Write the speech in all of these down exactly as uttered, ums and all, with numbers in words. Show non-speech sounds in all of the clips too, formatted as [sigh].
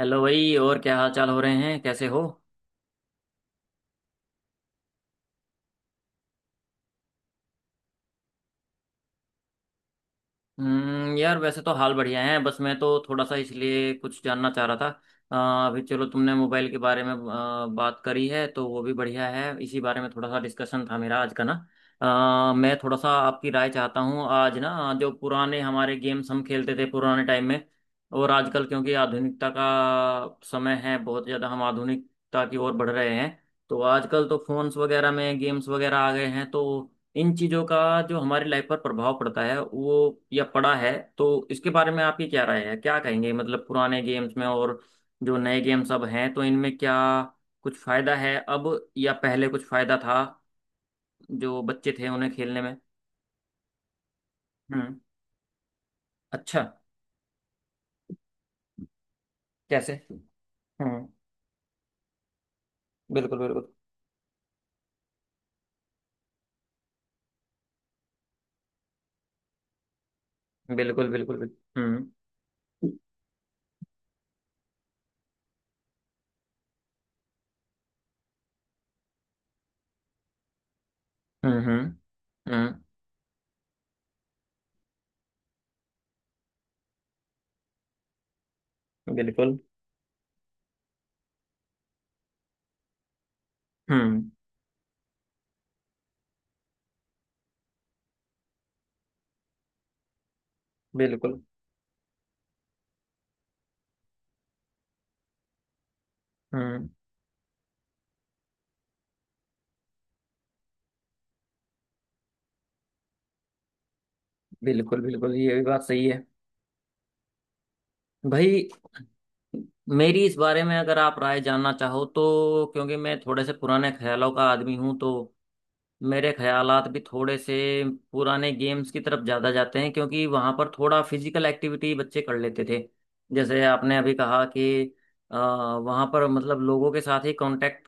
Hello भाई। और क्या हाल चाल हो रहे हैं, कैसे हो? हम्म, यार वैसे तो हाल बढ़िया है, बस मैं तो थोड़ा सा इसलिए कुछ जानना चाह रहा था। अ, अभी चलो तुमने मोबाइल के बारे में अ, बात करी है तो वो भी बढ़िया है। इसी बारे में थोड़ा सा डिस्कशन था मेरा आज का ना। अ, मैं थोड़ा सा आपकी राय चाहता हूँ आज ना। जो पुराने हमारे गेम्स हम खेलते थे पुराने टाइम में, और आजकल, क्योंकि आधुनिकता का समय है, बहुत ज़्यादा हम आधुनिकता की ओर बढ़ रहे हैं। तो आजकल तो फोन्स वगैरह में गेम्स वगैरह आ गए हैं, तो इन चीज़ों का जो हमारी लाइफ पर प्रभाव पड़ता है वो, या पड़ा है, तो इसके बारे में आपकी क्या राय है, क्या कहेंगे? मतलब पुराने गेम्स में और जो नए गेम्स अब हैं तो इनमें क्या कुछ फायदा है अब, या पहले कुछ फायदा था जो बच्चे थे उन्हें खेलने में? हम्म। अच्छा। कैसे? हम्म। बिल्कुल बिल्कुल बिल्कुल। बिल्कुल बिल्कुल। हम्म। हम्म। हम्म। हम्म। बिल्कुल। हम्म। बिल्कुल। हम्म। बिल्कुल बिल्कुल, ये भी बात सही है। भाई, मेरी इस बारे में अगर आप राय जानना चाहो, तो क्योंकि मैं थोड़े से पुराने ख्यालों का आदमी हूँ, तो मेरे ख्यालात भी थोड़े से पुराने गेम्स की तरफ ज़्यादा जाते हैं। क्योंकि वहाँ पर थोड़ा फिजिकल एक्टिविटी बच्चे कर लेते थे। जैसे आपने अभी कहा कि अ, वहाँ पर मतलब लोगों के साथ ही कांटेक्ट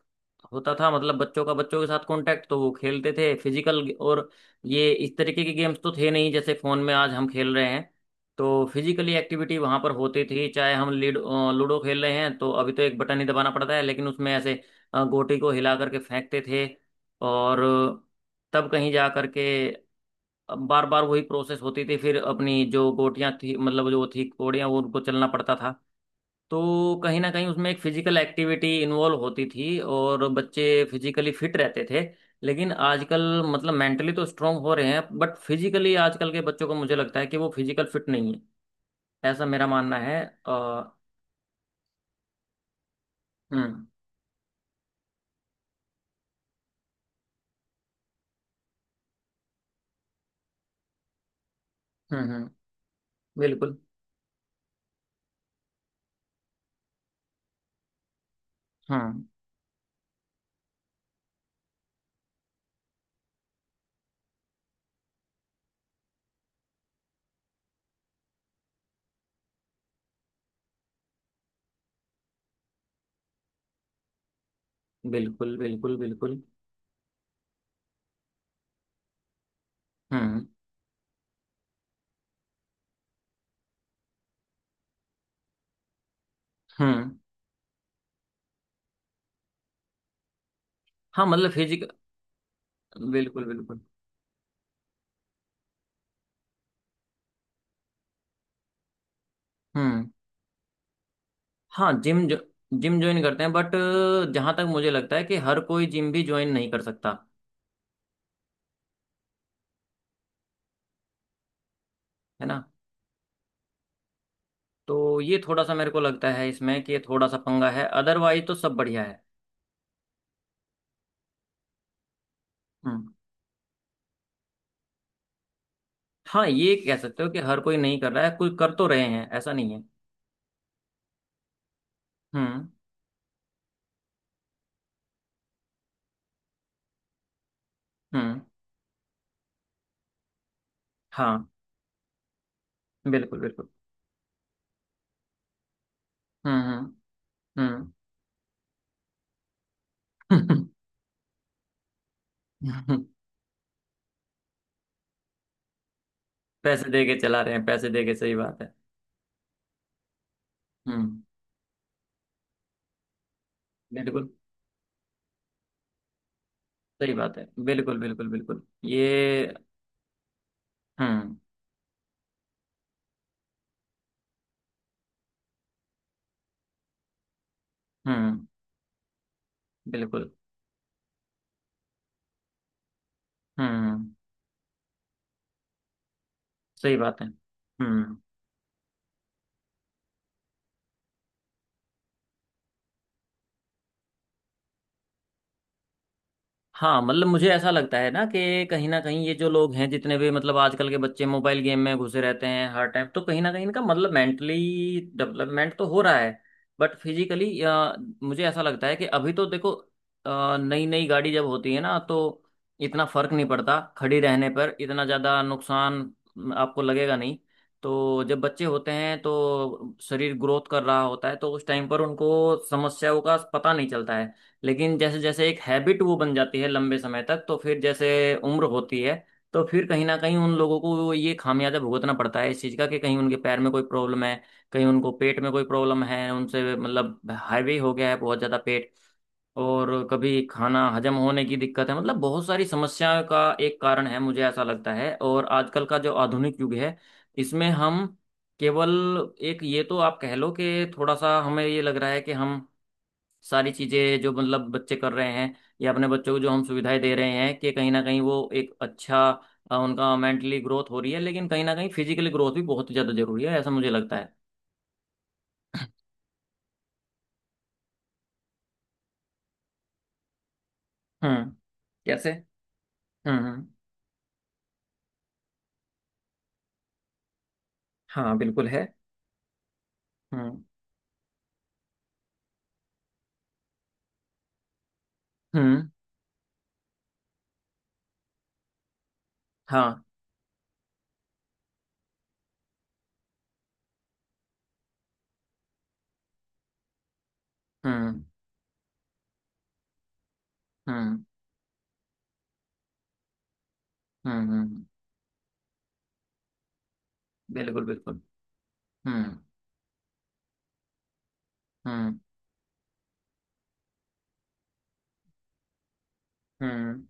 होता था। मतलब बच्चों का बच्चों के साथ कांटेक्ट, तो वो खेलते थे फिजिकल। और ये इस तरीके के गेम्स तो थे नहीं जैसे फ़ोन में आज हम खेल रहे हैं। तो फिजिकली एक्टिविटी वहाँ पर होती थी। चाहे हम लूडो लूडो खेल रहे हैं, तो अभी तो एक बटन ही दबाना पड़ता है, लेकिन उसमें ऐसे अ, गोटी को हिला करके फेंकते थे, और तब कहीं जा करके बार बार वही प्रोसेस होती थी। फिर अपनी जो गोटियां थी, मतलब जो थी कोड़ियां, वो उनको चलना पड़ता था। तो कहीं ना कहीं उसमें एक फिजिकल एक्टिविटी इन्वॉल्व होती थी और बच्चे फिजिकली फिट रहते थे। लेकिन आजकल, मतलब मेंटली तो स्ट्रांग हो रहे हैं, बट फिजिकली आजकल के बच्चों को मुझे लगता है कि वो फिजिकल फिट नहीं है। ऐसा मेरा मानना है। अ, हम्म। हम्म। हम्म। बिल्कुल। हम्म। बिल्कुल बिल्कुल बिल्कुल। हम्म। हम्म। हाँ, मतलब फिजिकल। बिल्कुल बिल्कुल। हम्म। हाँ, जिम जो जिम ज्वाइन करते हैं, बट जहाँ तक मुझे लगता है कि हर कोई जिम भी ज्वाइन नहीं कर सकता। है ना? तो ये थोड़ा सा मेरे को लगता है इसमें, कि ये थोड़ा सा पंगा है, अदरवाइज तो सब बढ़िया है। हम्म। हाँ, ये कह सकते हो कि हर कोई नहीं कर रहा है, कोई कर तो रहे हैं, ऐसा नहीं है। हम्म। हम्म। हाँ। बिल्कुल बिल्कुल। हम्म। हम्म। हम्म। [laughs] पैसे दे के चला रहे हैं, पैसे दे के, सही बात है। हम्म। बिल्कुल। सही बात है बिल्कुल बिल्कुल बिल्कुल ये। हम्म। हम्म। बिल्कुल। हम्म। सही बात है। हम्म। हाँ, मतलब मुझे ऐसा लगता है ना, कि कहीं ना कहीं ये जो लोग हैं, जितने भी मतलब आजकल के बच्चे मोबाइल गेम में घुसे रहते हैं हर टाइम, तो कहीं ना कहीं इनका मतलब मेंटली डेवलपमेंट तो हो रहा है, बट फिजिकली मुझे ऐसा लगता है कि अभी तो देखो नई नई गाड़ी जब होती है ना, तो इतना फर्क नहीं पड़ता, खड़ी रहने पर इतना ज़्यादा नुकसान अम, आपको लगेगा नहीं। तो जब बच्चे होते हैं तो शरीर ग्रोथ कर रहा होता है, तो उस टाइम पर उनको समस्याओं का पता नहीं चलता है। लेकिन जैसे जैसे एक हैबिट वो बन जाती है लंबे समय तक, तो फिर जैसे उम्र होती है, तो फिर कहीं ना कहीं उन लोगों को ये खामियाजा भुगतना पड़ता है इस चीज़ का, कि कहीं उनके पैर में कोई प्रॉब्लम है, कहीं उनको पेट में कोई प्रॉब्लम है, उनसे मतलब हाईवे हो गया है बहुत ज़्यादा पेट, और कभी खाना हजम होने की दिक्कत है। मतलब बहुत सारी समस्याओं का एक कारण है मुझे ऐसा लगता है। और आजकल का जो आधुनिक युग है, इसमें हम केवल एक, ये तो आप कह लो कि थोड़ा सा हमें ये लग रहा है कि हम सारी चीजें जो मतलब बच्चे कर रहे हैं, या अपने बच्चों को जो हम सुविधाएं दे रहे हैं, कि कहीं ना कहीं वो एक अच्छा अ, उनका मेंटली ग्रोथ हो रही है, लेकिन कहीं ना कहीं फिजिकली ग्रोथ भी बहुत ज्यादा जरूरी है, ऐसा मुझे लगता है। हम्म। कैसे? हम्म। हम्म। हाँ, बिल्कुल है। हम्म। हम्म। हाँ। हम्म। हम्म। हम्म। हम्म। बिल्कुल बिल्कुल। हम्म। हम्म। हम्म।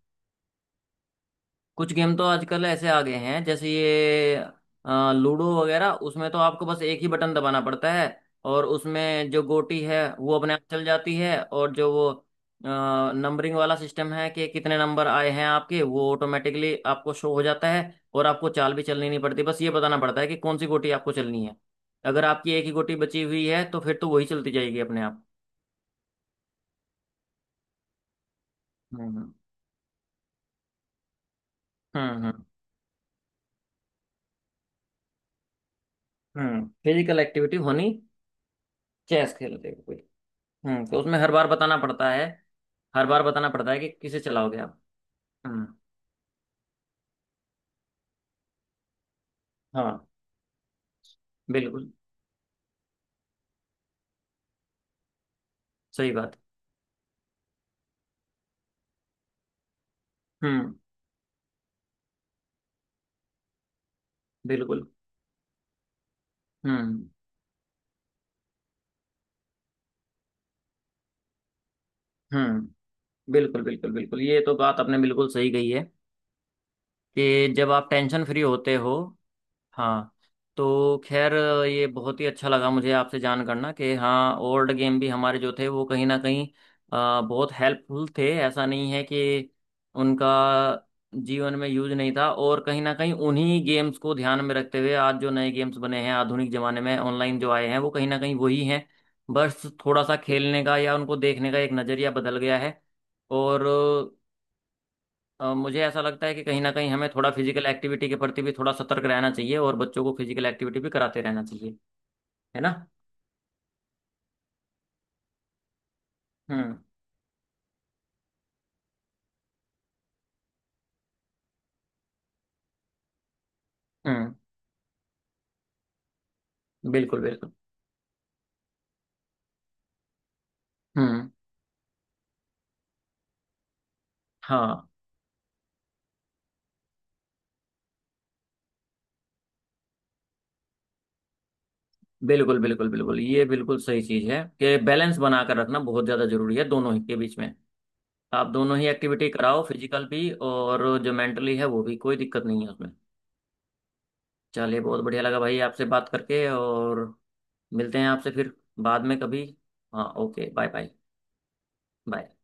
कुछ गेम तो आजकल ऐसे आ गए हैं, जैसे ये अ, लूडो वगैरह, उसमें तो आपको बस एक ही बटन दबाना पड़ता है, और उसमें जो गोटी है वो अपने आप चल जाती है, और जो वो नंबरिंग वाला सिस्टम है कि कितने नंबर आए हैं आपके, वो ऑटोमेटिकली आपको शो हो जाता है, और आपको चाल भी चलनी नहीं पड़ती, बस ये बताना पड़ता है कि कौन सी गोटी आपको चलनी है। अगर आपकी एक ही गोटी बची हुई है तो फिर तो वही चलती जाएगी अपने आप। हम्म। हम्म। हम्म, फिजिकल एक्टिविटी होनी। चेस खेलते हुए। हम्म, तो उसमें हर बार बताना पड़ता है। हर बार बताना पड़ता है कि किसे चलाओगे आप। हम्म। हाँ। बिल्कुल। सही बात। हम्म। बिल्कुल। हम्म। हम्म। बिल्कुल बिल्कुल बिल्कुल ये तो बात आपने बिल्कुल सही कही है, कि जब आप टेंशन फ्री होते हो। हाँ। तो खैर, ये बहुत ही अच्छा लगा मुझे आपसे जान करना, कि हाँ, ओल्ड गेम भी हमारे जो थे वो कहीं ना कहीं अ, बहुत हेल्पफुल थे, ऐसा नहीं है कि उनका जीवन में यूज नहीं था। और कहीं ना कहीं उन्हीं गेम्स को ध्यान में रखते हुए आज जो नए गेम्स बने हैं आधुनिक जमाने में, ऑनलाइन जो आए हैं, वो कहीं ना कहीं वही हैं। बस थोड़ा सा खेलने का या उनको देखने का एक नज़रिया बदल गया है। और अ, मुझे ऐसा लगता है कि कहीं ना कहीं हमें थोड़ा फिजिकल एक्टिविटी के प्रति भी थोड़ा सतर्क रहना चाहिए, और बच्चों को फिजिकल एक्टिविटी भी कराते रहना चाहिए। है ना? हम्म। हम्म। बिल्कुल बिल्कुल। हम्म। हाँ, बिल्कुल बिल्कुल बिल्कुल, ये बिल्कुल सही चीज़ है कि बैलेंस बना कर रखना बहुत ज़्यादा जरूरी है दोनों ही के बीच में। आप दोनों ही एक्टिविटी कराओ, फिजिकल भी, और जो मेंटली है वो भी, कोई दिक्कत नहीं है उसमें। चलिए, बहुत बढ़िया लगा भाई आपसे बात करके। और मिलते हैं आपसे फिर बाद में कभी। हाँ, ओके, बाय बाय। बाय।